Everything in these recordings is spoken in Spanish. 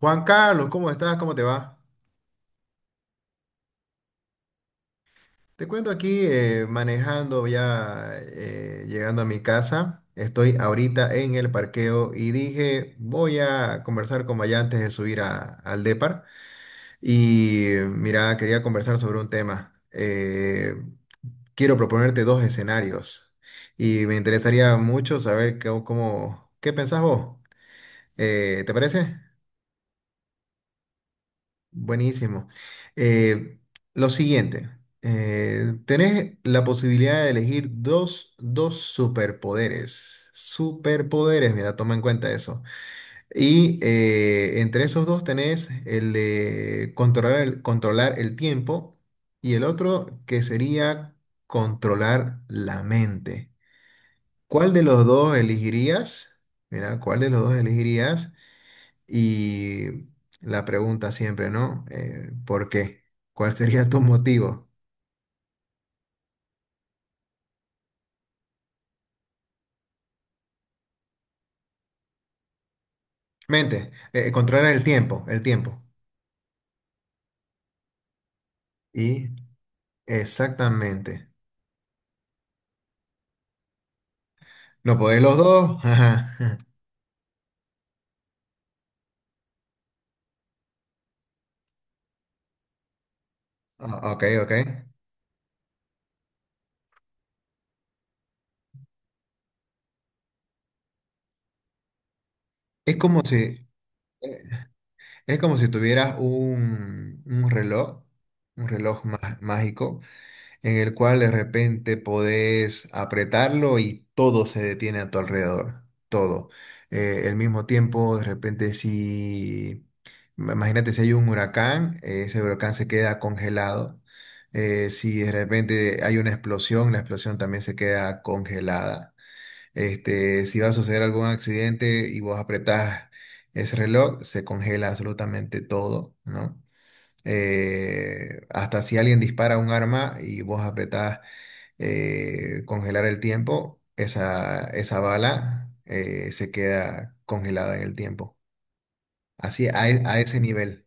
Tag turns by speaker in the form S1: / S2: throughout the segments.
S1: Juan Carlos, ¿cómo estás? ¿Cómo te va? Te cuento aquí manejando ya, llegando a mi casa. Estoy ahorita en el parqueo y dije, voy a conversar con Maya antes de al Depar. Y mira, quería conversar sobre un tema. Quiero proponerte dos escenarios y me interesaría mucho saber qué pensás vos. ¿Te parece? Buenísimo. Eh, lo siguiente, tenés la posibilidad de elegir dos superpoderes. Superpoderes, mira, toma en cuenta eso. Y entre esos dos tenés el de controlar el tiempo y el otro que sería controlar la mente. ¿Cuál de los dos elegirías? Mira, ¿cuál de los dos elegirías? Y la pregunta siempre, ¿no? ¿Por qué? ¿Cuál sería tu motivo? Mente, controlar el tiempo. Y exactamente. ¿No podéis los dos? Ajá. Ah, ok, ok. Es como si, eh, es como si tuvieras un reloj, un mágico, en el cual de repente podés apretarlo y todo se detiene a tu alrededor, todo. El mismo tiempo, de repente, imagínate si hay un huracán, ese huracán se queda congelado. Si de repente hay una explosión, la explosión también se queda congelada. Este, si va a suceder algún accidente y vos apretás ese reloj, se congela absolutamente todo, ¿no? Hasta si alguien dispara un arma y vos apretás congelar el tiempo, esa bala se queda congelada en el tiempo. Así, a ese nivel.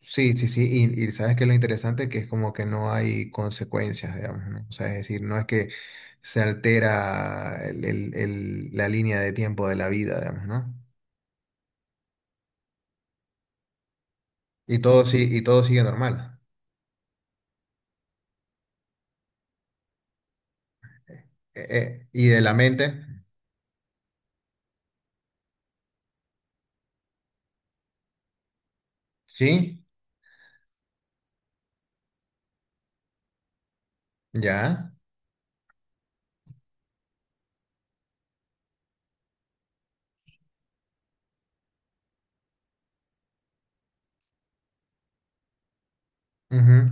S1: Sí, sí, sí. Y sabes que lo interesante que es como que no hay consecuencias, digamos, ¿no? O sea, es decir, no es que se altera la línea de tiempo de la vida, digamos, ¿no? Y todo, sí, y todo sigue normal. Y de la mente, sí, ya. Ujú.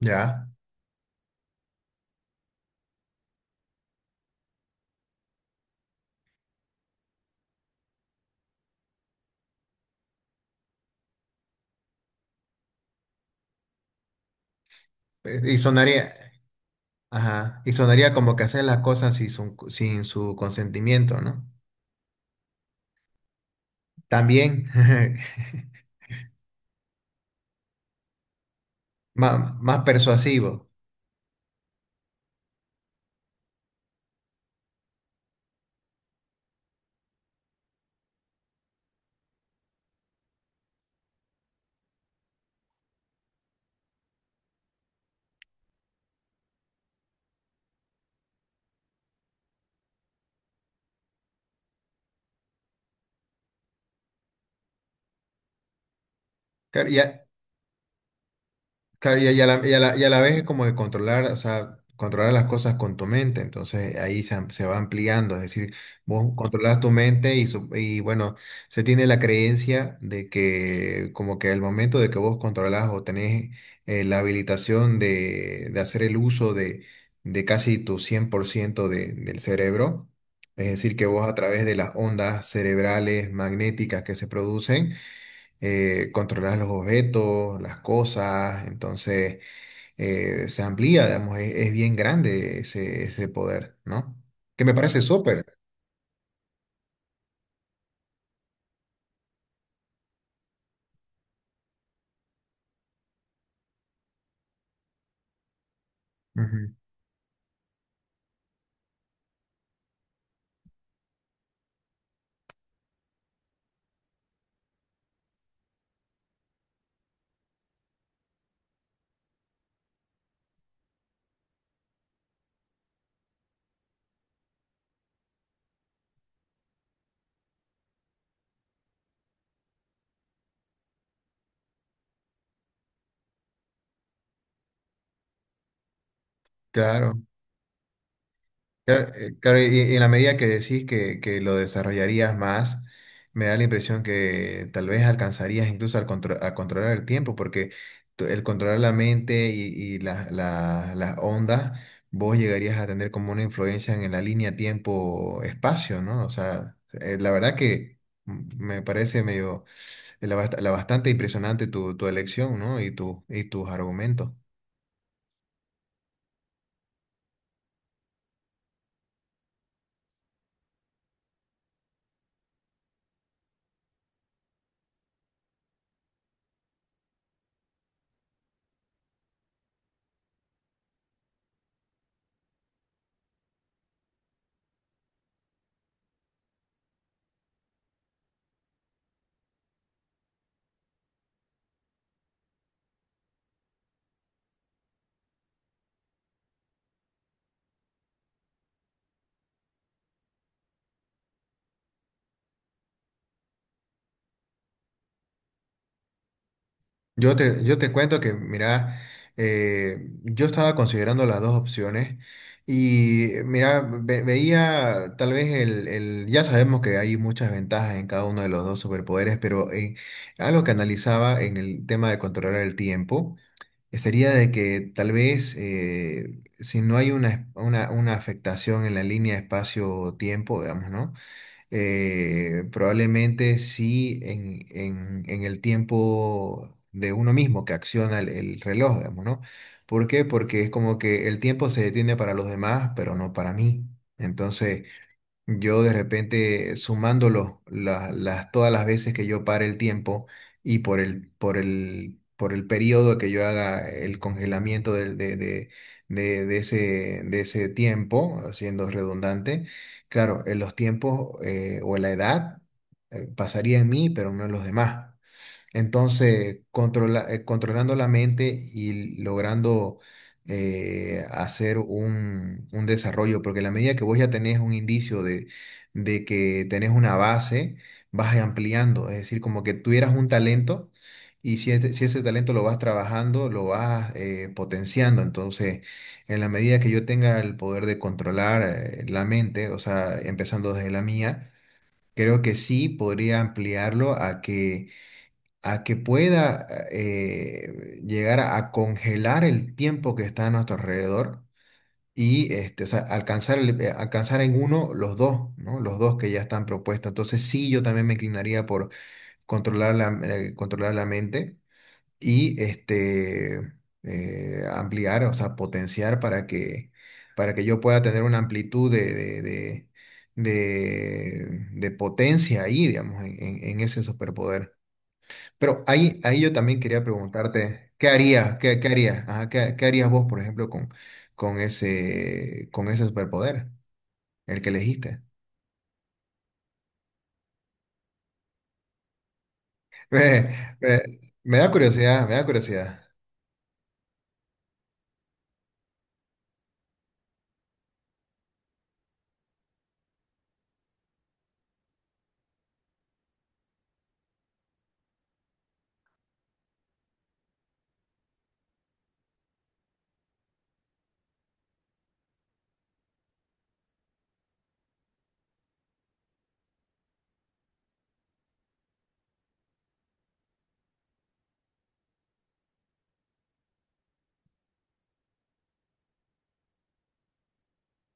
S1: Ya. Eh, Y sonaría, ajá, y sonaría como que hacer las cosas sin su consentimiento, ¿no? También, más, persuasivo. Claro, y a- Claro, y a la vez es como de controlar, o sea, controlar las cosas con tu mente, entonces se va ampliando, es decir, vos controlas tu mente y bueno, se tiene la creencia de que como que al momento de que vos controlás o tenés la habilitación de hacer el uso de casi tu 100% del cerebro, es decir, que vos a través de las ondas cerebrales magnéticas que se producen, controlas los objetos, las cosas, entonces se amplía, digamos, es bien grande ese poder, ¿no? Que me parece súper. Ujú. Claro. Claro, claro, y en la medida que decís que lo desarrollarías más, me da la impresión que tal vez alcanzarías incluso a controlar el tiempo, porque el controlar la mente y las ondas, vos llegarías a tener como una influencia en la línea tiempo-espacio, ¿no? O sea, la verdad que me parece medio, la bastante impresionante tu, tu elección, ¿no? Y, tu, y tus argumentos. Yo te cuento que, mira, yo estaba considerando las dos opciones y, mira, veía tal vez ya sabemos que hay muchas ventajas en cada uno de los dos superpoderes, pero algo que analizaba en el tema de controlar el tiempo sería de que tal vez si no hay una afectación en la línea espacio-tiempo, digamos, ¿no? Probablemente sí en el tiempo de uno mismo que acciona el reloj, digamos, ¿no? ¿Por qué? Porque es como que el tiempo se detiene para los demás, pero no para mí. Entonces, yo de repente las, todas las veces que yo pare el tiempo y por por el periodo que yo haga el congelamiento de ese tiempo, siendo redundante, claro, en los tiempos o en la edad pasaría en mí, pero no en los demás. Entonces, controlando la mente y logrando hacer un desarrollo, porque en la medida que vos ya tenés un indicio de que tenés una base, vas ampliando, es decir, como que tuvieras un talento si ese talento lo vas trabajando, lo vas potenciando. Entonces, en la medida que yo tenga el poder de controlar la mente, o sea, empezando desde la mía, creo que sí podría ampliarlo a que pueda llegar a congelar el tiempo que está a nuestro alrededor y este, o sea, alcanzar en uno los dos, ¿no? Los dos que ya están propuestos. Entonces sí, yo también me inclinaría por controlar controlar la mente y este, ampliar, o sea, potenciar para que yo pueda tener una amplitud de potencia ahí, digamos, en ese superpoder. Pero ahí, ahí yo también quería preguntarte, ¿qué harías? ¿Qué, qué harías? Ajá, ¿qué harías vos, por ejemplo, con ese superpoder, el que elegiste? Me, me- me da curiosidad, me da curiosidad.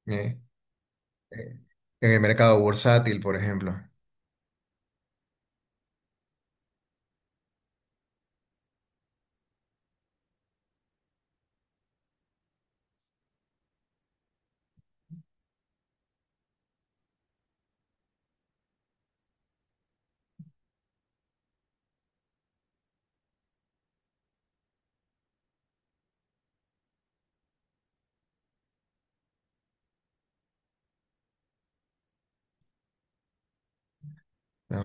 S1: Eh, eh, En el mercado bursátil, por ejemplo. ¿No?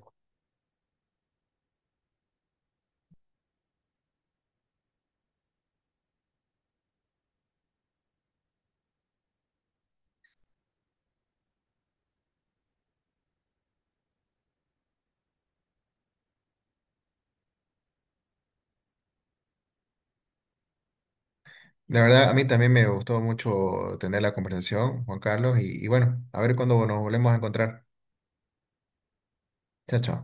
S1: La verdad, a mí también me gustó mucho tener la conversación, Juan Carlos, y bueno, a ver cuándo nos volvemos a encontrar. Chao, chao.